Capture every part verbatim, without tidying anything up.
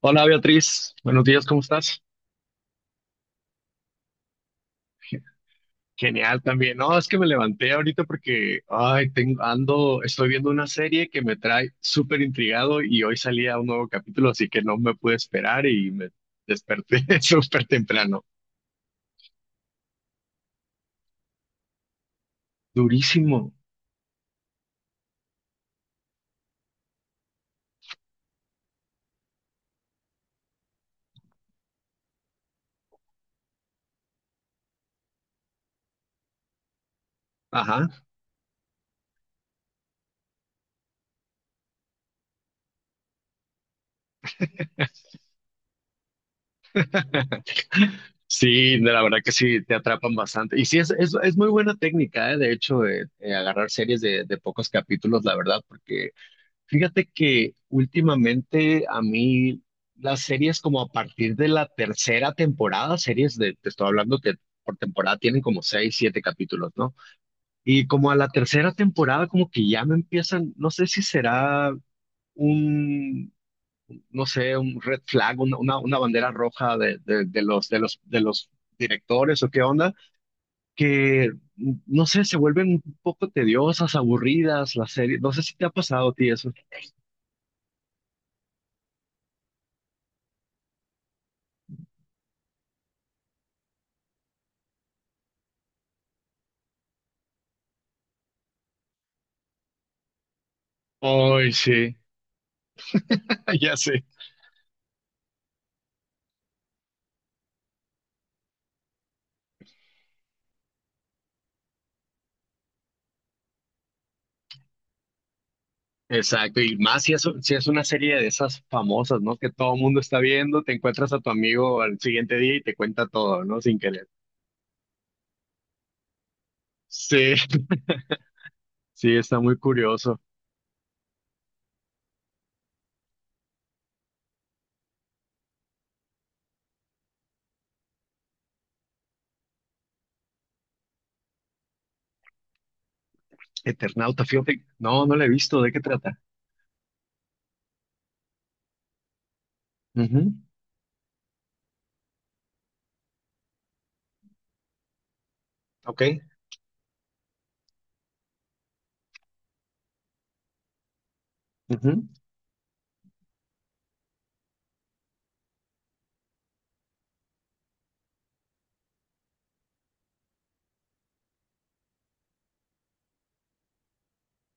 Hola Beatriz, buenos días, ¿cómo estás? Genial también. No, es que me levanté ahorita porque, ay, tengo, ando, estoy viendo una serie que me trae súper intrigado y hoy salía un nuevo capítulo, así que no me pude esperar y me desperté súper temprano. Durísimo. Ajá. Sí, la verdad que sí, te atrapan bastante. Y sí, es, es, es muy buena técnica, ¿eh? De hecho, eh, eh, agarrar series de, de pocos capítulos, la verdad, porque Fíjate que últimamente a mí las series como a partir de la tercera temporada, series de, te estoy hablando que por temporada tienen como seis, siete capítulos, ¿no? Y como a la tercera temporada como que ya me empiezan, no sé si será un, no sé, un red flag, una, una, una bandera roja de, de, de los, de los, de los directores o qué onda, que no sé, se vuelven un poco tediosas, aburridas las series. No sé si te ha pasado a ti eso. Ay, sí. Ya sé. Exacto, y más si es, si es una serie de esas famosas, ¿no? Que todo el mundo está viendo, te encuentras a tu amigo al siguiente día y te cuenta todo, ¿no? Sin querer. Sí, sí, está muy curioso. Eternauta, fíjate, no, no la he visto, ¿de qué trata? Ujú, Ok, ujú,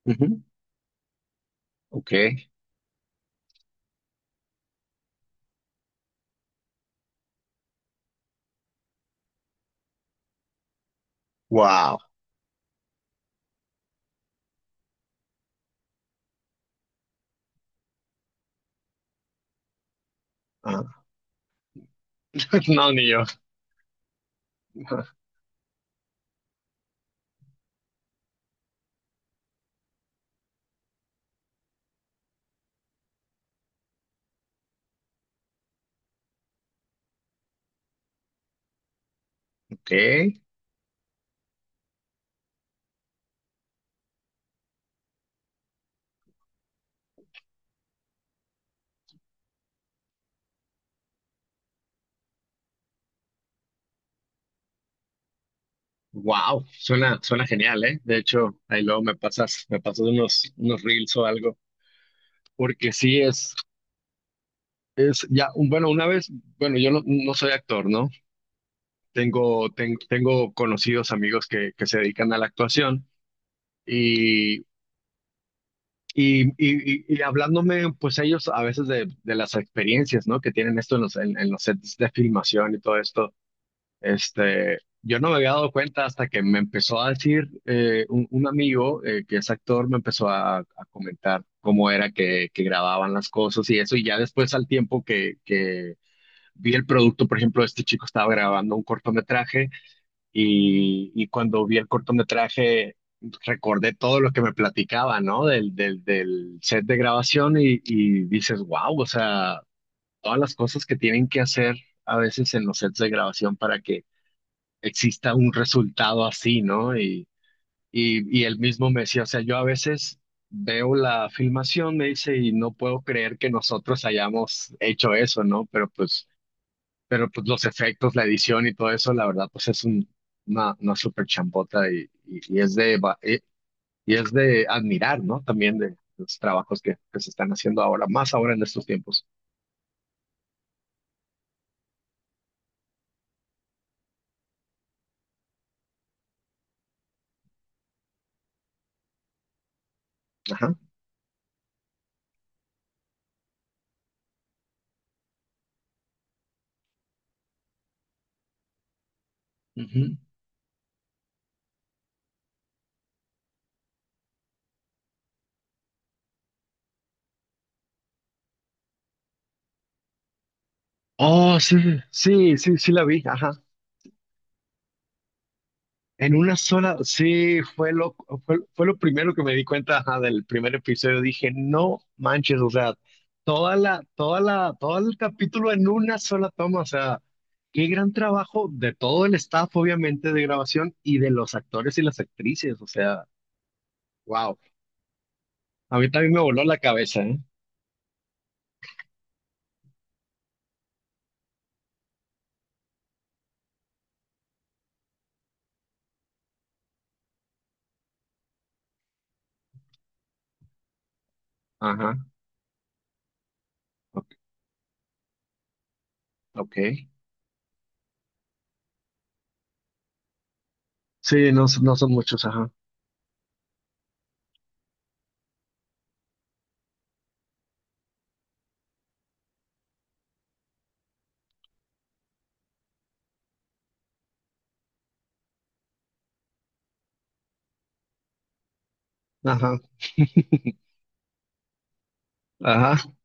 ujú, ok, wow. Ah, No, ni yo. Ok, wow, suena, suena genial, ¿eh? De hecho, ahí luego me pasas, me pasas unos, unos reels o algo, porque sí es. Es ya, un- bueno, una vez, bueno, yo no, no soy actor, ¿no? Tengo, ten- tengo conocidos amigos que, que se dedican a la actuación y, y, y, y- y hablándome, pues ellos a veces de, de las experiencias, ¿no? Que tienen esto en los, en, en los sets de filmación y todo esto, este, yo no me había dado cuenta hasta que me empezó a decir eh, un, un amigo eh, que es actor, me empezó a, a comentar cómo era que, que grababan las cosas y eso, y ya después al tiempo vi el producto, por ejemplo, este chico estaba grabando un cortometraje y, y cuando vi el cortometraje recordé todo lo que me platicaba, ¿no? Del, del, del set de grabación y, y dices, wow, o sea, todas las cosas que tienen que hacer a veces en los sets de grabación para que exista un resultado así, ¿no? Y, y, y él mismo me decía, o sea, yo a veces veo la filmación, me dice, y no puedo creer que nosotros hayamos hecho eso, ¿no? Pero pues pero pues los efectos, la edición y todo eso, la verdad, pues es un- una, una súper chambota y, y, y es de, va- eh, y es de admirar, ¿no? También de los trabajos que, que se están haciendo ahora, más ahora en estos tiempos. Ajá. Ujú. Oh, sí, sí, sí, sí la vi, ajá. En una sola, sí, fue lo, fue, fue lo primero que me di cuenta, ajá, del primer episodio. Dije, no manches, o sea, toda la, toda la, todo el capítulo en una sola toma, o sea, qué gran trabajo de todo el staff, obviamente, de grabación y de los actores y las actrices, o sea, wow. A mí también me voló la cabeza, ¿eh? Ajá, ok. Ok. Sí, no, son- no son muchos, ajá, ajá, ajá.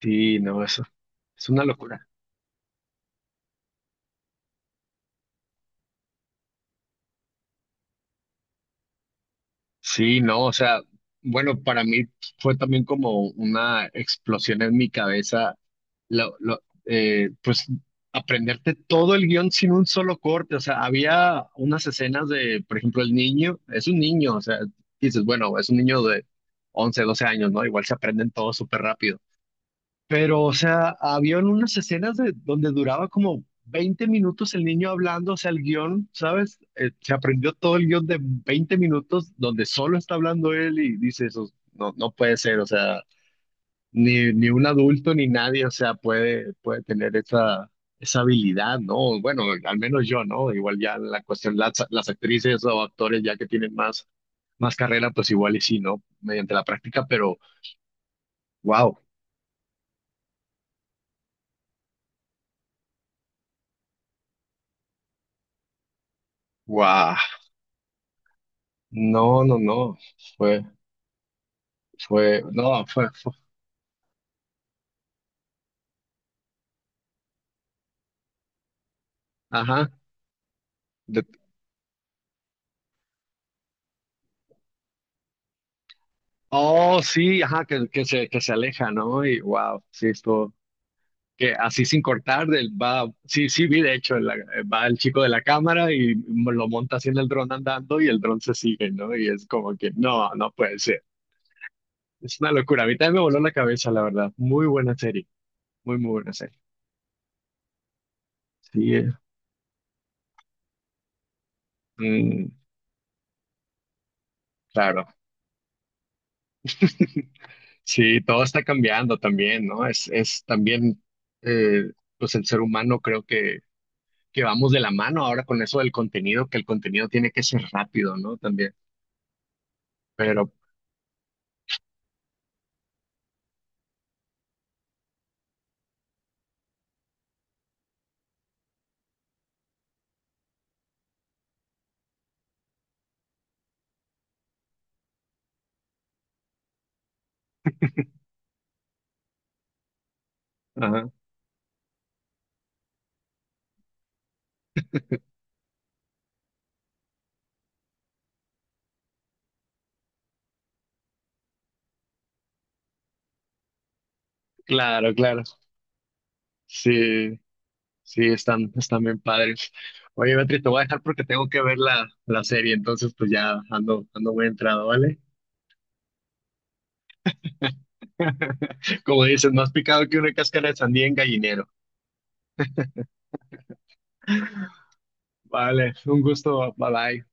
Sí, no, eso es una locura. Sí, no, o sea, bueno, para mí fue también como una explosión en mi cabeza, lo, lo- eh, pues aprenderte todo el guión sin un solo corte, o sea, había unas escenas de, por ejemplo, el niño, es un niño, o sea, dices, bueno, es un niño de once, doce años, ¿no? Igual se aprenden todo súper rápido. Pero, o sea, habían unas escenas de, donde duraba como veinte minutos el niño hablando, o sea, el guión, ¿sabes? Eh, se aprendió todo el guión de veinte minutos donde solo está hablando él y dice eso, no, no puede ser, o sea, ni, ni un adulto ni nadie, o sea, puede, puede tener esa, esa habilidad, ¿no? Bueno, al menos yo, ¿no? Igual ya la cuestión, las, las actrices o actores ya que tienen más, más carrera, pues igual y sí, ¿no? Mediante la práctica, pero, wow, wow, no, no, no. Fue, Fue, no, fue, fue- ajá. de- oh, sí, ajá, que, que se, que se aleja, ¿no? Y wow, sí, esto, que así sin cortar, del, va, sí, sí, vi de hecho, la- va el chico de la cámara y lo monta así en el dron andando y el dron se sigue, ¿no? Y es como que, no, no puede ser. Es una locura. A mí también me voló la cabeza, la verdad. Muy buena serie, muy, muy buena serie. Sí, eh. Mm, claro. Sí, todo está cambiando también, ¿no? Es, es también, eh, pues el ser humano creo que, que vamos de la mano ahora con eso del contenido, que el contenido tiene que ser rápido, ¿no? También, pero, ajá, claro, claro. Sí, sí, están, están bien padres. Oye, Beatriz, te voy a dejar porque tengo que ver la, la serie, entonces pues ya ando, ando muy entrado, ¿vale? Como dices, más picado que una cáscara de sandía en gallinero. Vale, un gusto, bye bye.